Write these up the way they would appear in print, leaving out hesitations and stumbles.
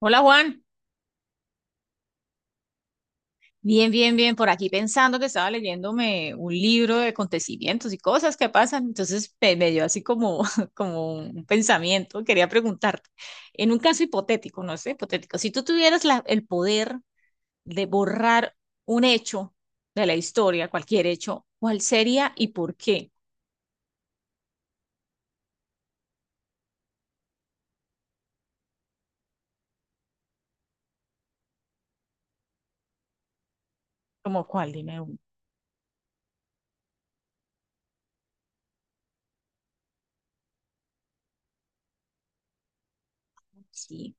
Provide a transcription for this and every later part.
Hola Juan, bien, bien, bien, por aquí pensando que estaba leyéndome un libro de acontecimientos y cosas que pasan, entonces me dio así como, como un pensamiento, quería preguntarte, en un caso hipotético, no sé, hipotético, si tú tuvieras el poder de borrar un hecho de la historia, cualquier hecho, ¿cuál sería y por qué? Como cuál, dime uno. Sí,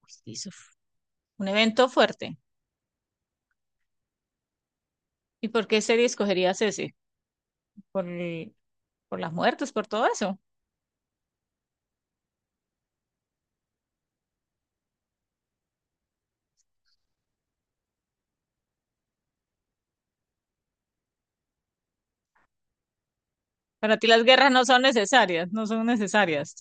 pues, sí, eso fue un evento fuerte. ¿Y por qué serie escogerías ese? ¿Por, por las muertes, por todo eso? Para ti las guerras no son necesarias, no son necesarias.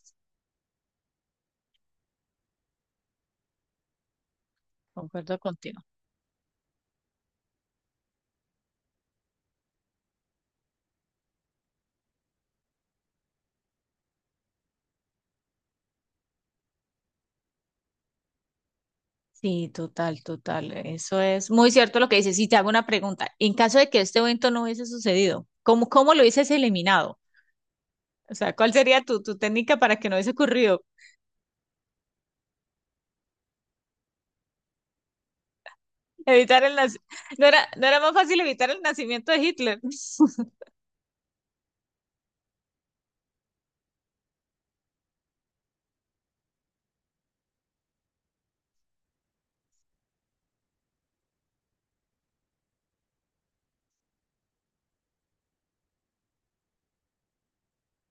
Concuerdo contigo. Sí, total, total. Eso es muy cierto lo que dices. Si te hago una pregunta, en caso de que este evento no hubiese sucedido, ¿cómo lo hubieses eliminado? O sea, ¿cuál sería tu técnica para que no hubiese ocurrido? Evitar el nac- ¿No era más fácil evitar el nacimiento de Hitler?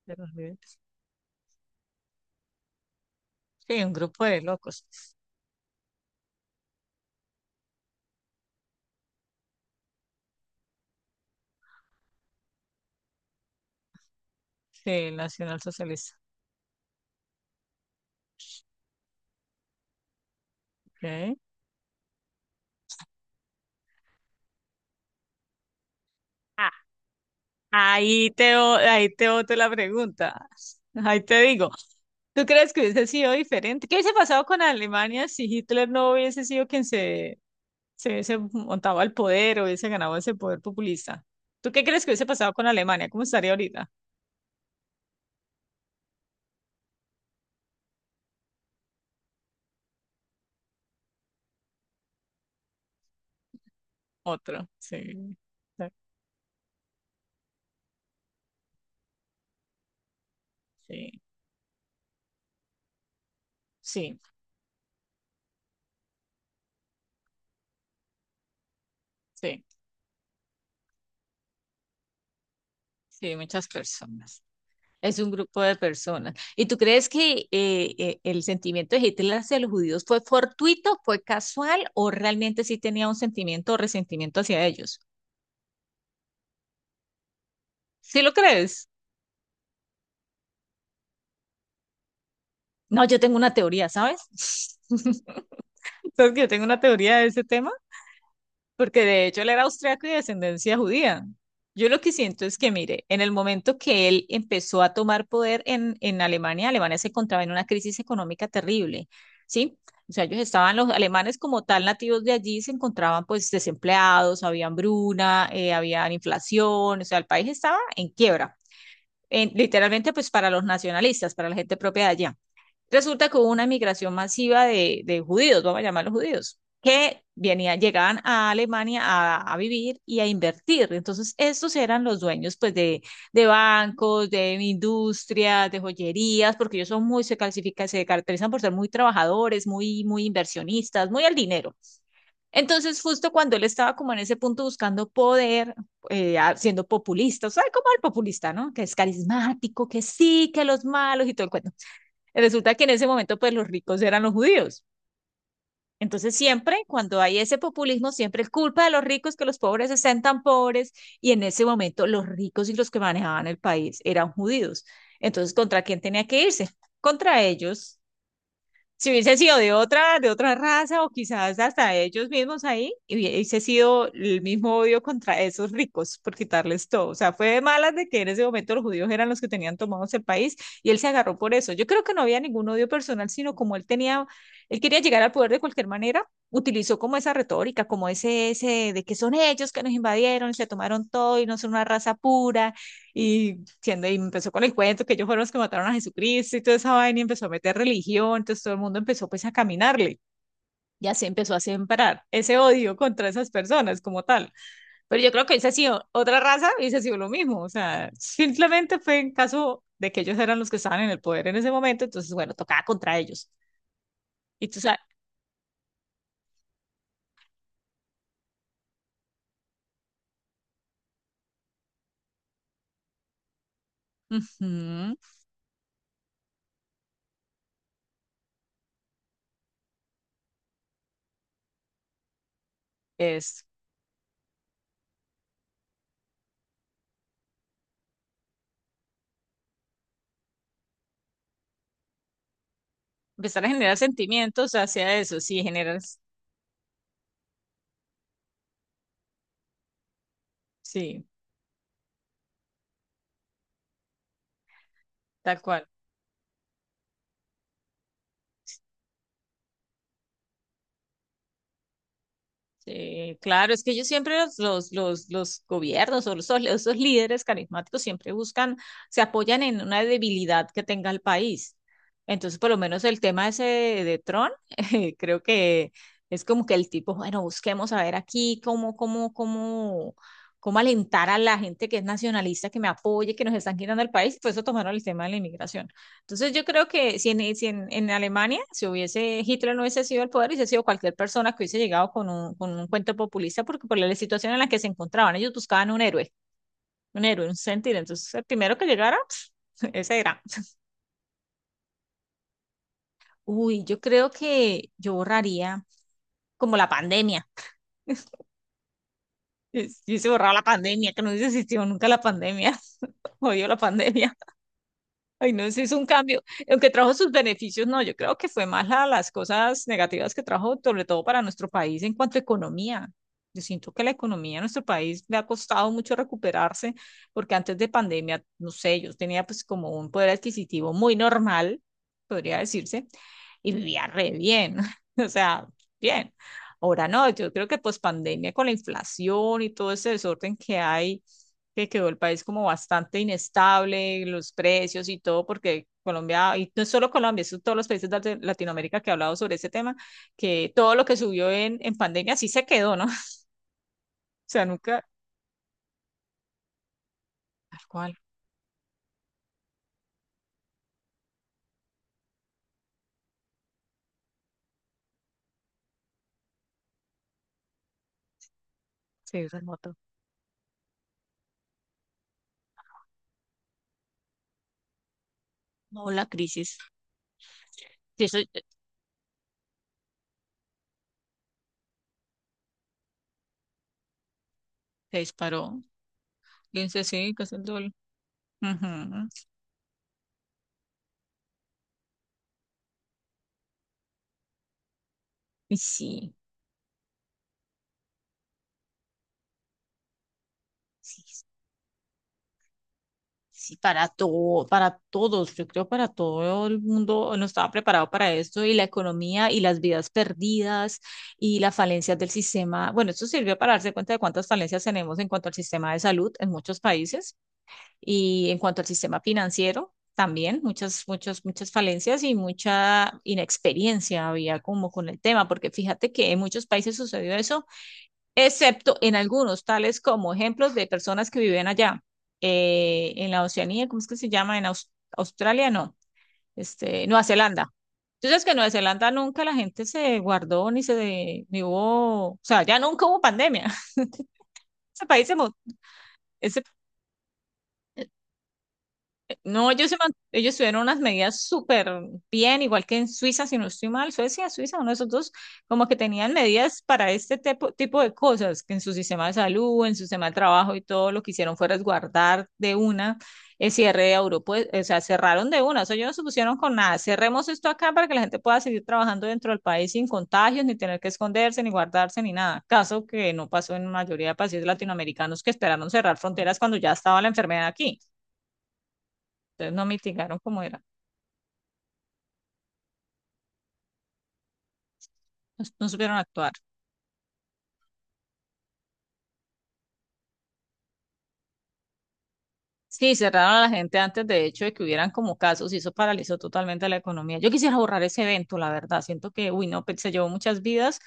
De los líderes. Sí, un grupo de locos. Sí, nacionalsocialista. Ok. Ah, ahí te boto la pregunta. Ahí te digo. ¿Tú crees que hubiese sido diferente? ¿Qué hubiese pasado con Alemania si Hitler no hubiese sido quien se hubiese montado al poder o hubiese ganado ese poder populista? ¿Tú qué crees que hubiese pasado con Alemania? ¿Cómo estaría ahorita? Otro. Sí. Sí. Sí. Sí. Sí, muchas personas. Es un grupo de personas. ¿Y tú crees que el sentimiento de Hitler hacia los judíos fue fortuito, fue casual o realmente sí tenía un sentimiento o resentimiento hacia ellos? ¿Sí lo crees? No, yo tengo una teoría, ¿sabes? Porque yo tengo una teoría de ese tema, porque de hecho él era austriaco y de descendencia judía. Yo lo que siento es que, mire, en el momento que él empezó a tomar poder en Alemania, Alemania se encontraba en una crisis económica terrible, ¿sí? O sea, ellos estaban, los alemanes como tal nativos de allí, se encontraban pues desempleados, había hambruna, había inflación, o sea, el país estaba en quiebra, literalmente pues para los nacionalistas, para la gente propia de allá. Resulta que hubo una migración masiva de, judíos, vamos a llamarlos judíos, que venían, llegaban a Alemania a vivir y a invertir. Entonces, estos eran los dueños pues, de bancos, de industrias, de joyerías, porque ellos son muy, se clasifican, se caracterizan por ser muy trabajadores, muy, muy inversionistas, muy al dinero. Entonces, justo cuando él estaba como en ese punto buscando poder, siendo populista, o sea, como el populista, ¿no? Que es carismático, que sí, que los malos y todo el cuento. Resulta que en ese momento, pues los ricos eran los judíos. Entonces siempre, cuando hay ese populismo, siempre es culpa de los ricos que los pobres estén tan pobres y en ese momento los ricos y los que manejaban el país eran judíos. Entonces, ¿contra quién tenía que irse? Contra ellos si hubiese sido de otra raza o quizás hasta ellos mismos ahí, y hubiese sido el mismo odio contra esos ricos por quitarles todo. O sea, fue de malas de que en ese momento los judíos eran los que tenían tomados el país y él se agarró por eso. Yo creo que no había ningún odio personal, sino como él tenía, él quería llegar al poder de cualquier manera, utilizó como esa retórica, como ese, de que son ellos que nos invadieron y se tomaron todo y no son una raza pura y, siendo, y empezó con el cuento que ellos fueron los que mataron a Jesucristo y toda esa vaina y empezó a meter religión, entonces todo el mundo empezó pues a caminarle y así empezó a sembrar ese odio contra esas personas como tal. Pero yo creo que hubiese sido otra raza, hubiese sido lo mismo, o sea, simplemente fue en caso de que ellos eran los que estaban en el poder en ese momento, entonces bueno, tocaba contra ellos. Y tú sabes, ujú, es empezar a generar sentimientos hacia eso, sí, generas, sí, tal cual. Sí, claro, es que ellos siempre los, los gobiernos o esos líderes carismáticos siempre buscan, se apoyan en una debilidad que tenga el país. Entonces, por lo menos el tema ese de, Tron, creo que es como que el tipo, bueno, busquemos a ver aquí cómo alentar a la gente que es nacionalista, que me apoye, que nos están quitando el país, y por eso tomaron el tema de la inmigración. Entonces yo creo que si en, en Alemania, si hubiese Hitler no hubiese sido el poder, hubiese sido cualquier persona que hubiese llegado con un cuento populista, porque por la situación en la que se encontraban, ellos buscaban un héroe, un héroe, un sentir. Entonces el primero que llegara, ese era. Uy, yo creo que yo borraría como la pandemia. Yo se borraba la pandemia, que no hubiese existido nunca la pandemia. Odio la pandemia. Ay, no, sí es un cambio. Aunque trajo sus beneficios, no, yo creo que fue más las cosas negativas que trajo, sobre todo para nuestro país en cuanto a economía. Yo siento que la economía de nuestro país le ha costado mucho recuperarse, porque antes de pandemia, no sé, yo tenía pues como un poder adquisitivo muy normal, podría decirse, y vivía re bien, o sea, bien. Ahora no, yo creo que pues pandemia con la inflación y todo ese desorden que hay que quedó el país como bastante inestable, los precios y todo, porque Colombia, y no es solo Colombia, son todos los países de Latinoamérica que he hablado sobre ese tema, que todo lo que subió en pandemia sí se quedó, ¿no? O sea, nunca, tal cual, se dio remoto. No, la crisis, sí, eso se disparó, 15, sí, casi el doble. Ujú. Y sí, sí, sí, para todo, para todos, yo creo para todo el mundo no estaba preparado para esto y la economía y las vidas perdidas y las falencias del sistema. Bueno, esto sirvió para darse cuenta de cuántas falencias tenemos en cuanto al sistema de salud en muchos países y en cuanto al sistema financiero también, muchas, muchas, muchas falencias y mucha inexperiencia había como con el tema, porque fíjate que en muchos países sucedió eso excepto en algunos, tales como ejemplos de personas que viven allá, en la Oceanía, ¿cómo es que se llama? Australia, no, este, Nueva Zelanda. Entonces, que en Nueva Zelanda nunca la gente se guardó ni se, ni hubo, o sea, ya nunca hubo pandemia. Ese país se, mo- ese No, ellos, ellos tuvieron unas medidas súper bien, igual que en Suiza, si no estoy mal, Suecia, Suiza, uno de esos dos, como que tenían medidas para este tipo, de cosas, que en su sistema de salud, en su sistema de trabajo y todo lo que hicieron fue resguardar de una el cierre de Europa, o sea, cerraron de una, eso ellos no se pusieron con nada, cerremos esto acá para que la gente pueda seguir trabajando dentro del país sin contagios, ni tener que esconderse, ni guardarse, ni nada, caso que no pasó en la mayoría de países latinoamericanos que esperaron cerrar fronteras cuando ya estaba la enfermedad aquí. Entonces no mitigaron como era, no, no supieron actuar. Sí, cerraron a la gente antes de hecho de que hubieran como casos y eso paralizó totalmente la economía. Yo quisiera borrar ese evento, la verdad. Siento que, uy, no, pues, se llevó muchas vidas.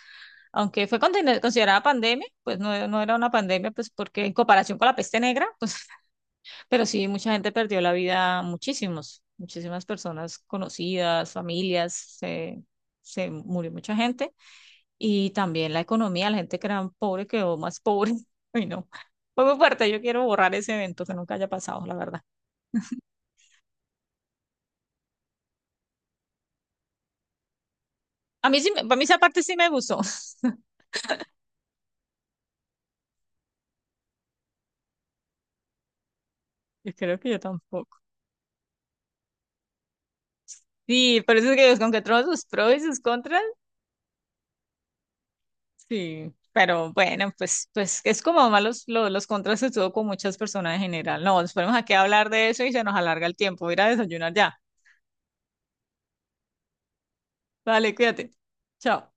Aunque fue considerada pandemia, pues no, no era una pandemia, pues porque en comparación con la peste negra, pues, pero sí, mucha gente perdió la vida, muchísimos, muchísimas personas conocidas, familias, se, murió mucha gente. Y también la economía, la gente que era pobre quedó más pobre. Ay, no. Fue muy fuerte, yo quiero borrar ese evento que nunca haya pasado, la verdad. A mí sí, para mí esa parte sí me gustó. Yo creo que yo tampoco. Sí, pero eso es que con que todos sus pros y sus contras, sí. Pero bueno, pues, es como más los, los contras que tuvo con muchas personas en general. No, nos ponemos aquí a hablar de eso y se nos alarga el tiempo. Voy a ir a desayunar ya. Vale, cuídate. Chao.